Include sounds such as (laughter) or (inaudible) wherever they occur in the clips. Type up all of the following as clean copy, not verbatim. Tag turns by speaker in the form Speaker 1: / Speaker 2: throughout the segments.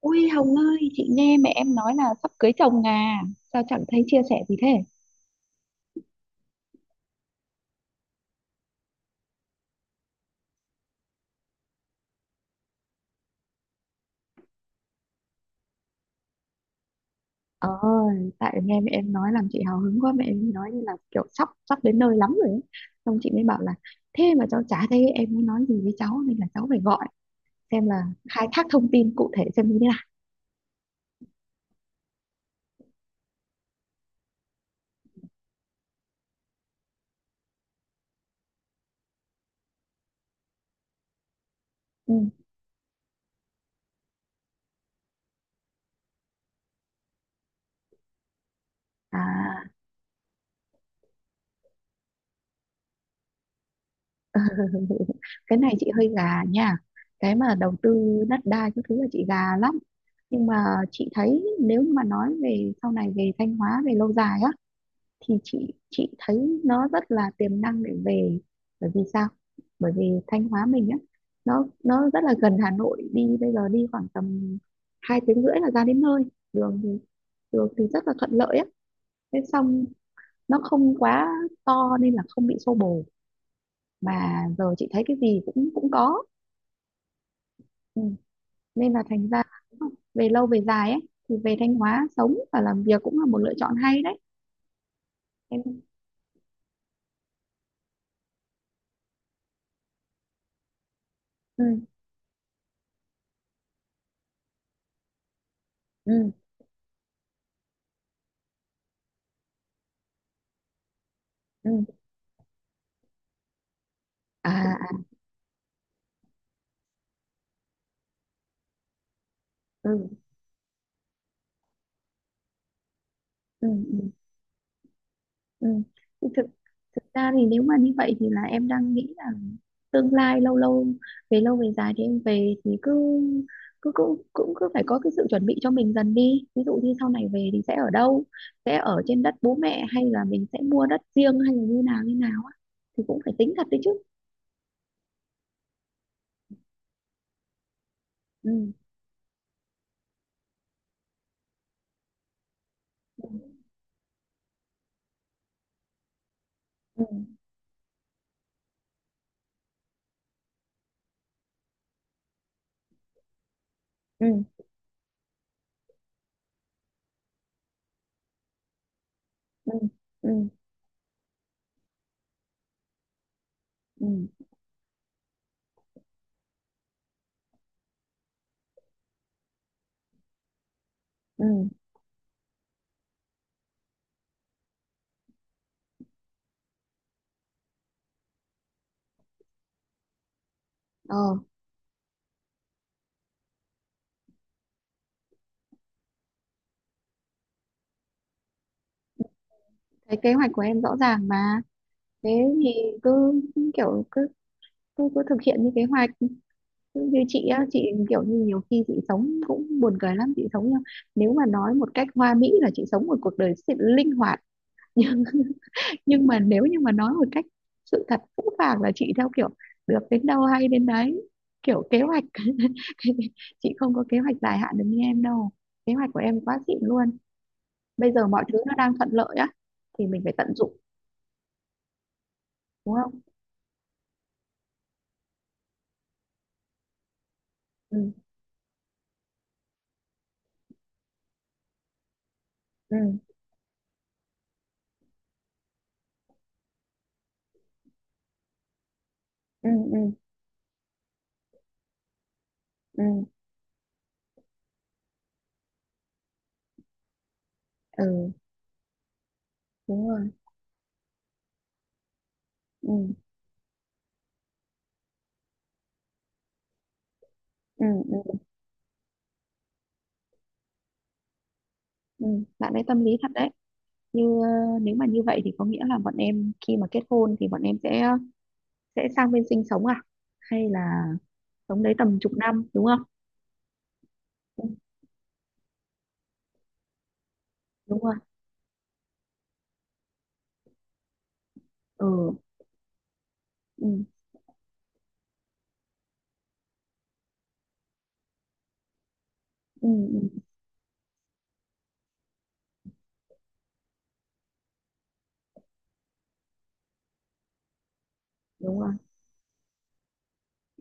Speaker 1: Ui Hồng ơi, chị nghe mẹ em nói là sắp cưới chồng à, sao chẳng thấy chia sẻ gì thế? Ờ, Tại nghe mẹ em nói làm chị hào hứng quá, mẹ em nói như là kiểu sắp sắp đến nơi lắm rồi ấy. Xong chị mới bảo là thế mà cháu chả thấy em mới nói gì với cháu, nên là cháu phải gọi xem là, khai thác thông tin cụ thể xem như thế nào. Ừ. À, cái này chị hơi gà nha, cái mà đầu tư đất đai cái thứ là chị gà lắm, nhưng mà chị thấy nếu như mà nói về sau này về Thanh Hóa về lâu dài á thì chị thấy nó rất là tiềm năng để về. Bởi vì sao? Bởi vì Thanh Hóa mình á, nó rất là gần Hà Nội, đi bây giờ đi khoảng tầm 2 tiếng rưỡi là ra đến nơi. Đường thì, rất là thuận lợi á, thế xong nó không quá to nên là không bị xô bồ, mà giờ chị thấy cái gì cũng cũng có. Ừ. Nên là thành ra về lâu về dài ấy, thì về Thanh Hóa sống và làm việc cũng là một lựa chọn hay đấy em. Ừ, ừ, ừ, à, à, ừ, ừ, ừ. Ừ. Thì thực thực ra thì nếu mà như vậy thì là em đang nghĩ là tương lai lâu lâu, về lâu về dài thì em về thì cứ cứ cũng cũng cứ phải có cái sự chuẩn bị cho mình dần đi, ví dụ như sau này về thì sẽ ở đâu, sẽ ở trên đất bố mẹ hay là mình sẽ mua đất riêng hay là như nào á, thì cũng phải tính thật đấy chứ. Ừ, ừ, ừ, ừ, ừ, ừ, ừ, ờ. Cái kế hoạch của em rõ ràng mà. Thế thì cứ cứ kiểu cứ cứ cứ thực hiện như kế hoạch. Như chị á, chị kiểu như nhiều khi chị sống cũng buồn cười lắm, chị sống nhá. Nếu mà nói một cách hoa mỹ là chị sống một cuộc đời sự linh hoạt, nhưng (laughs) nhưng mà nếu như mà nói một cách sự thật phũ phàng là chị theo kiểu được đến đâu hay đến đấy, kiểu kế hoạch (laughs) chị không có kế hoạch dài hạn được như em đâu. Kế hoạch của em quá xịn luôn. Bây giờ mọi thứ nó đang thuận lợi á thì mình phải tận dụng, đúng không? Ừ, ừ, ừ, ừ, ừ, ừ, đúng rồi, ừ, ừ, ừ, ừ. Bạn ấy tâm lý thật đấy. Như, nếu mà như vậy thì có nghĩa là bọn em khi mà kết hôn thì bọn em sẽ sang bên sinh sống à, hay là sống đấy tầm chục năm, đúng không? Ừ, đúng rồi, ừ, ừ, ừ, ừ, đúng rồi,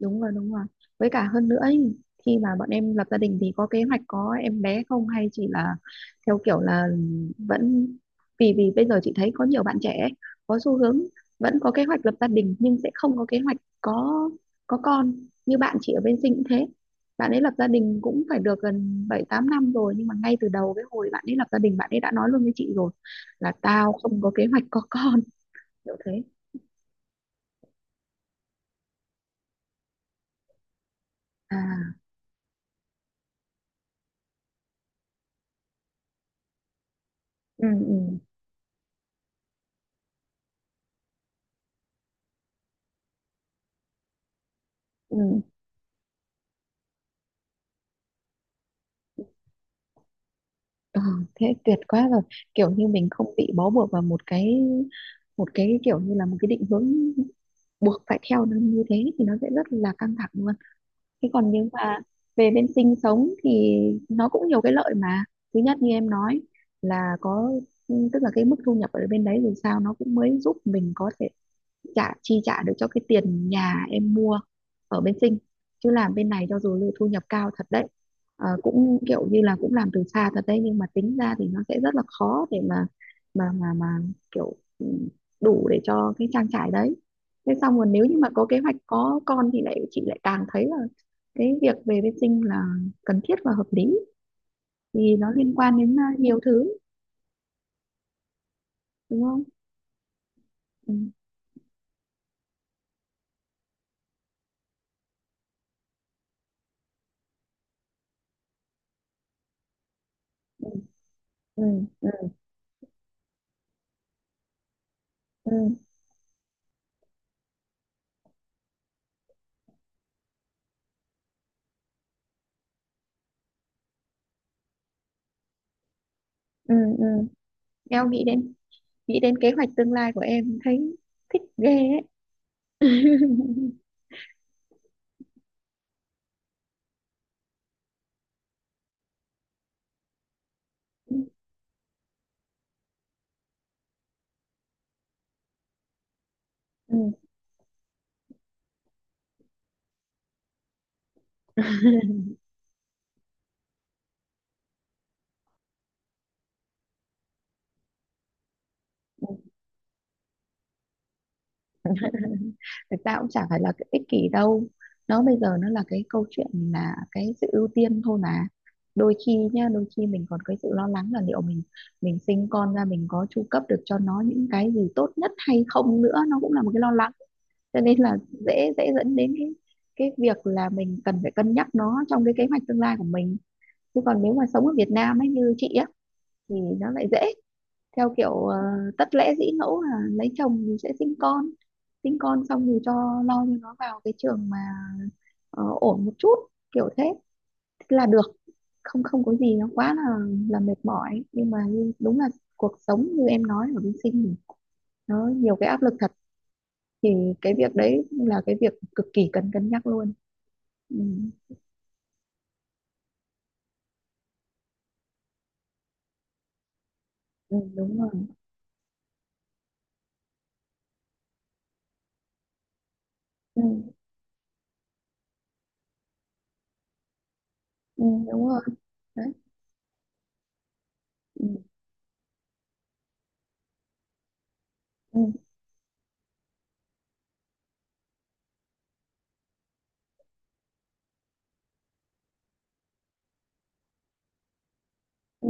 Speaker 1: đúng rồi, đúng rồi. Với cả hơn nữa ý, khi mà bọn em lập gia đình thì có kế hoạch có em bé không hay chỉ là theo kiểu là vẫn, vì vì bây giờ chị thấy có nhiều bạn trẻ có xu hướng vẫn có kế hoạch lập gia đình nhưng sẽ không có kế hoạch có con. Như bạn chị ở bên Sinh cũng thế, bạn ấy lập gia đình cũng phải được gần 7-8 năm rồi, nhưng mà ngay từ đầu cái hồi bạn ấy lập gia đình bạn ấy đã nói luôn với chị rồi là tao không có kế hoạch có con, kiểu thế. À, ừ, ừ, ừ. Ừ, thế tuyệt quá rồi, kiểu như mình không bị bó buộc vào một cái, kiểu như là một cái định hướng buộc phải theo nó như thế thì nó sẽ rất là căng thẳng luôn. Thế còn nếu mà về bên sinh sống thì nó cũng nhiều cái lợi mà. Thứ nhất như em nói là có, tức là cái mức thu nhập ở bên đấy dù sao nó cũng mới giúp mình có thể trả, chi trả được cho cái tiền nhà em mua ở bên Sinh. Chứ làm bên này cho dù thu nhập cao thật đấy, ờ, cũng kiểu như là cũng làm từ xa thật đấy, nhưng mà tính ra thì nó sẽ rất là khó để mà kiểu, đủ để cho cái trang trải đấy. Thế xong rồi nếu như mà có kế hoạch có con thì lại chị lại càng thấy là cái việc về bên sinh là cần thiết và hợp lý, vì nó liên quan đến, à, nhiều thứ, đúng không? Ừ, ừ, ừ, ừ, ừ, ừ. Em nghĩ đến kế hoạch tương lai của em thấy thích ghê ấy. (laughs) Ừ, thực ra cũng chả phải là cái ích kỷ đâu, nó bây giờ nó là cái câu chuyện, là cái sự ưu tiên thôi mà. Đôi khi nhá, đôi khi mình còn cái sự lo lắng là liệu mình, sinh con ra mình có chu cấp được cho nó những cái gì tốt nhất hay không nữa, nó cũng là một cái lo lắng. Cho nên là dễ dễ dẫn đến cái việc là mình cần phải cân nhắc nó trong cái kế hoạch tương lai của mình. Chứ còn nếu mà sống ở Việt Nam ấy như chị á, thì nó lại dễ theo kiểu, tất lễ dĩ ngẫu là lấy chồng thì sẽ sinh con, sinh con xong thì lo cho nó vào cái trường mà, ổn một chút kiểu thế là được. Không không có gì nó quá là mệt mỏi, nhưng mà như, đúng là cuộc sống như em nói ở bên sinh thì nó nhiều cái áp lực thật, thì cái việc đấy là cái việc cực kỳ cần cân nhắc luôn. Ừ, ừ, đúng rồi, ừ, ừ, đúng rồi đấy, ừ, ừ. Ừ.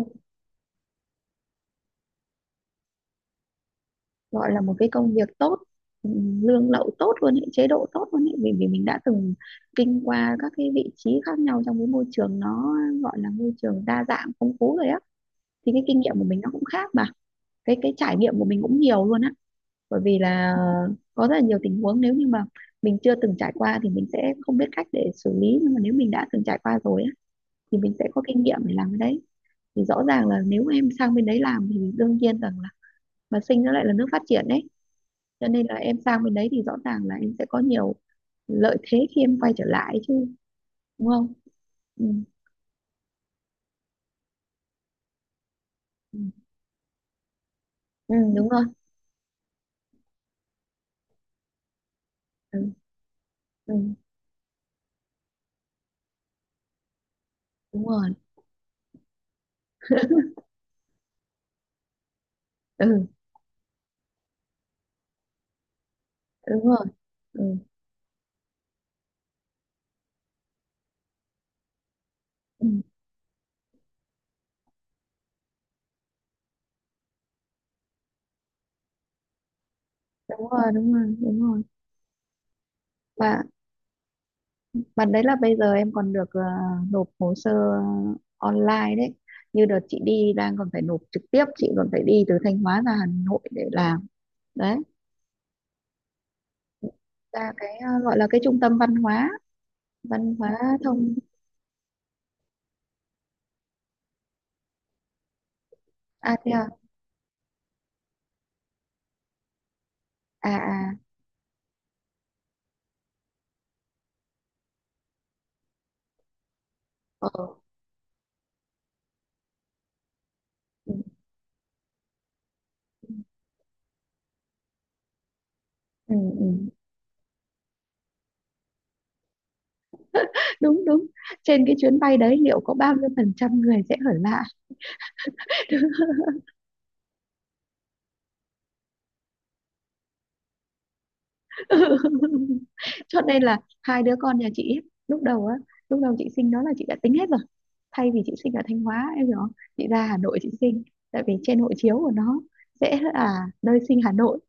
Speaker 1: Gọi là một cái công việc tốt. Lương lậu tốt luôn ấy, chế độ tốt luôn ấy, vì vì mình đã từng kinh qua các cái vị trí khác nhau trong cái môi trường nó gọi là môi trường đa dạng phong phú rồi á, thì cái kinh nghiệm của mình nó cũng khác mà, cái trải nghiệm của mình cũng nhiều luôn á, bởi vì là có rất là nhiều tình huống nếu như mà mình chưa từng trải qua thì mình sẽ không biết cách để xử lý, nhưng mà nếu mình đã từng trải qua rồi á thì mình sẽ có kinh nghiệm để làm cái đấy. Thì rõ ràng là nếu em sang bên đấy làm thì đương nhiên rằng là, mà sinh nó lại là nước phát triển đấy cho nên là em sang bên đấy thì rõ ràng là em sẽ có nhiều lợi thế khi em quay trở lại chứ, đúng không? Ừ, ừ, ừ, đúng rồi, ừ, ừ, đúng rồi, ừ, đúng rồi, ừ, ừ, đúng rồi, đúng rồi, đúng rồi. và và đấy là bây giờ em còn được, nộp hồ sơ online đấy, như đợt chị đi đang còn phải nộp trực tiếp, chị còn phải đi từ Thanh Hóa ra Hà Nội để làm đấy, ra cái, gọi là cái trung tâm văn hóa, văn hóa thông. A, thế à? À, à, ờ, ừ. Ừ. Ừ, ừ. Đúng, đúng. Trên cái chuyến bay đấy liệu có bao nhiêu phần trăm người sẽ ở lại? (laughs) Cho nên là hai đứa con nhà chị ấy, lúc đầu á, lúc đầu chị sinh đó là chị đã tính hết rồi. Thay vì chị sinh ở Thanh Hóa, em hiểu không, chị ra Hà Nội chị sinh, tại vì trên hộ chiếu của nó sẽ là nơi sinh Hà Nội,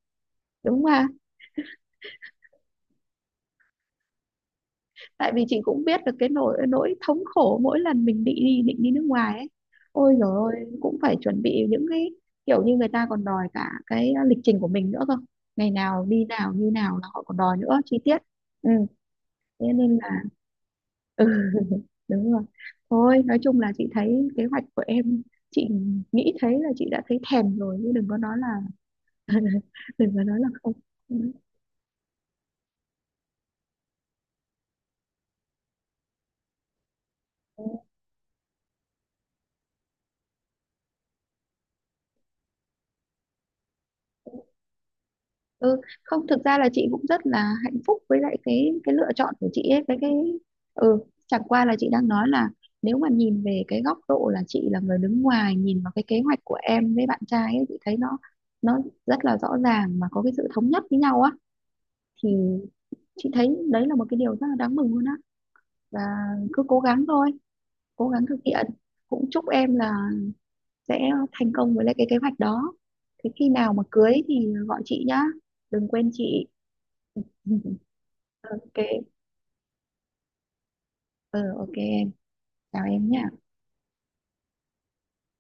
Speaker 1: đúng không? Tại vì chị cũng biết được cái nỗi nỗi thống khổ mỗi lần mình định đi, nước ngoài ấy, ôi giời ơi cũng phải chuẩn bị những cái kiểu như người ta còn đòi cả cái lịch trình của mình nữa cơ, ngày nào đi nào như nào là họ còn đòi nữa chi tiết. Ừ, thế nên là (laughs) ừ, đúng rồi. Thôi nói chung là chị thấy kế hoạch của em, chị nghĩ thấy là chị đã thấy thèm rồi chứ đừng có nói là, (laughs) đừng có nói là không. Ừ. Ừ, không, thực ra là chị cũng rất là hạnh phúc với lại cái lựa chọn của chị ấy, cái ừ chẳng qua là chị đang nói là nếu mà nhìn về cái góc độ là chị là người đứng ngoài nhìn vào cái kế hoạch của em với bạn trai ấy, chị thấy nó rất là rõ ràng mà có cái sự thống nhất với nhau á, thì chị thấy đấy là một cái điều rất là đáng mừng luôn á, và cứ cố gắng thôi, cố gắng thực hiện, cũng chúc em là sẽ thành công với lại cái kế hoạch đó. Thế khi nào mà cưới thì gọi chị nhá, đừng quên chị. (laughs) Ok, ừ, ok em, chào em nhé.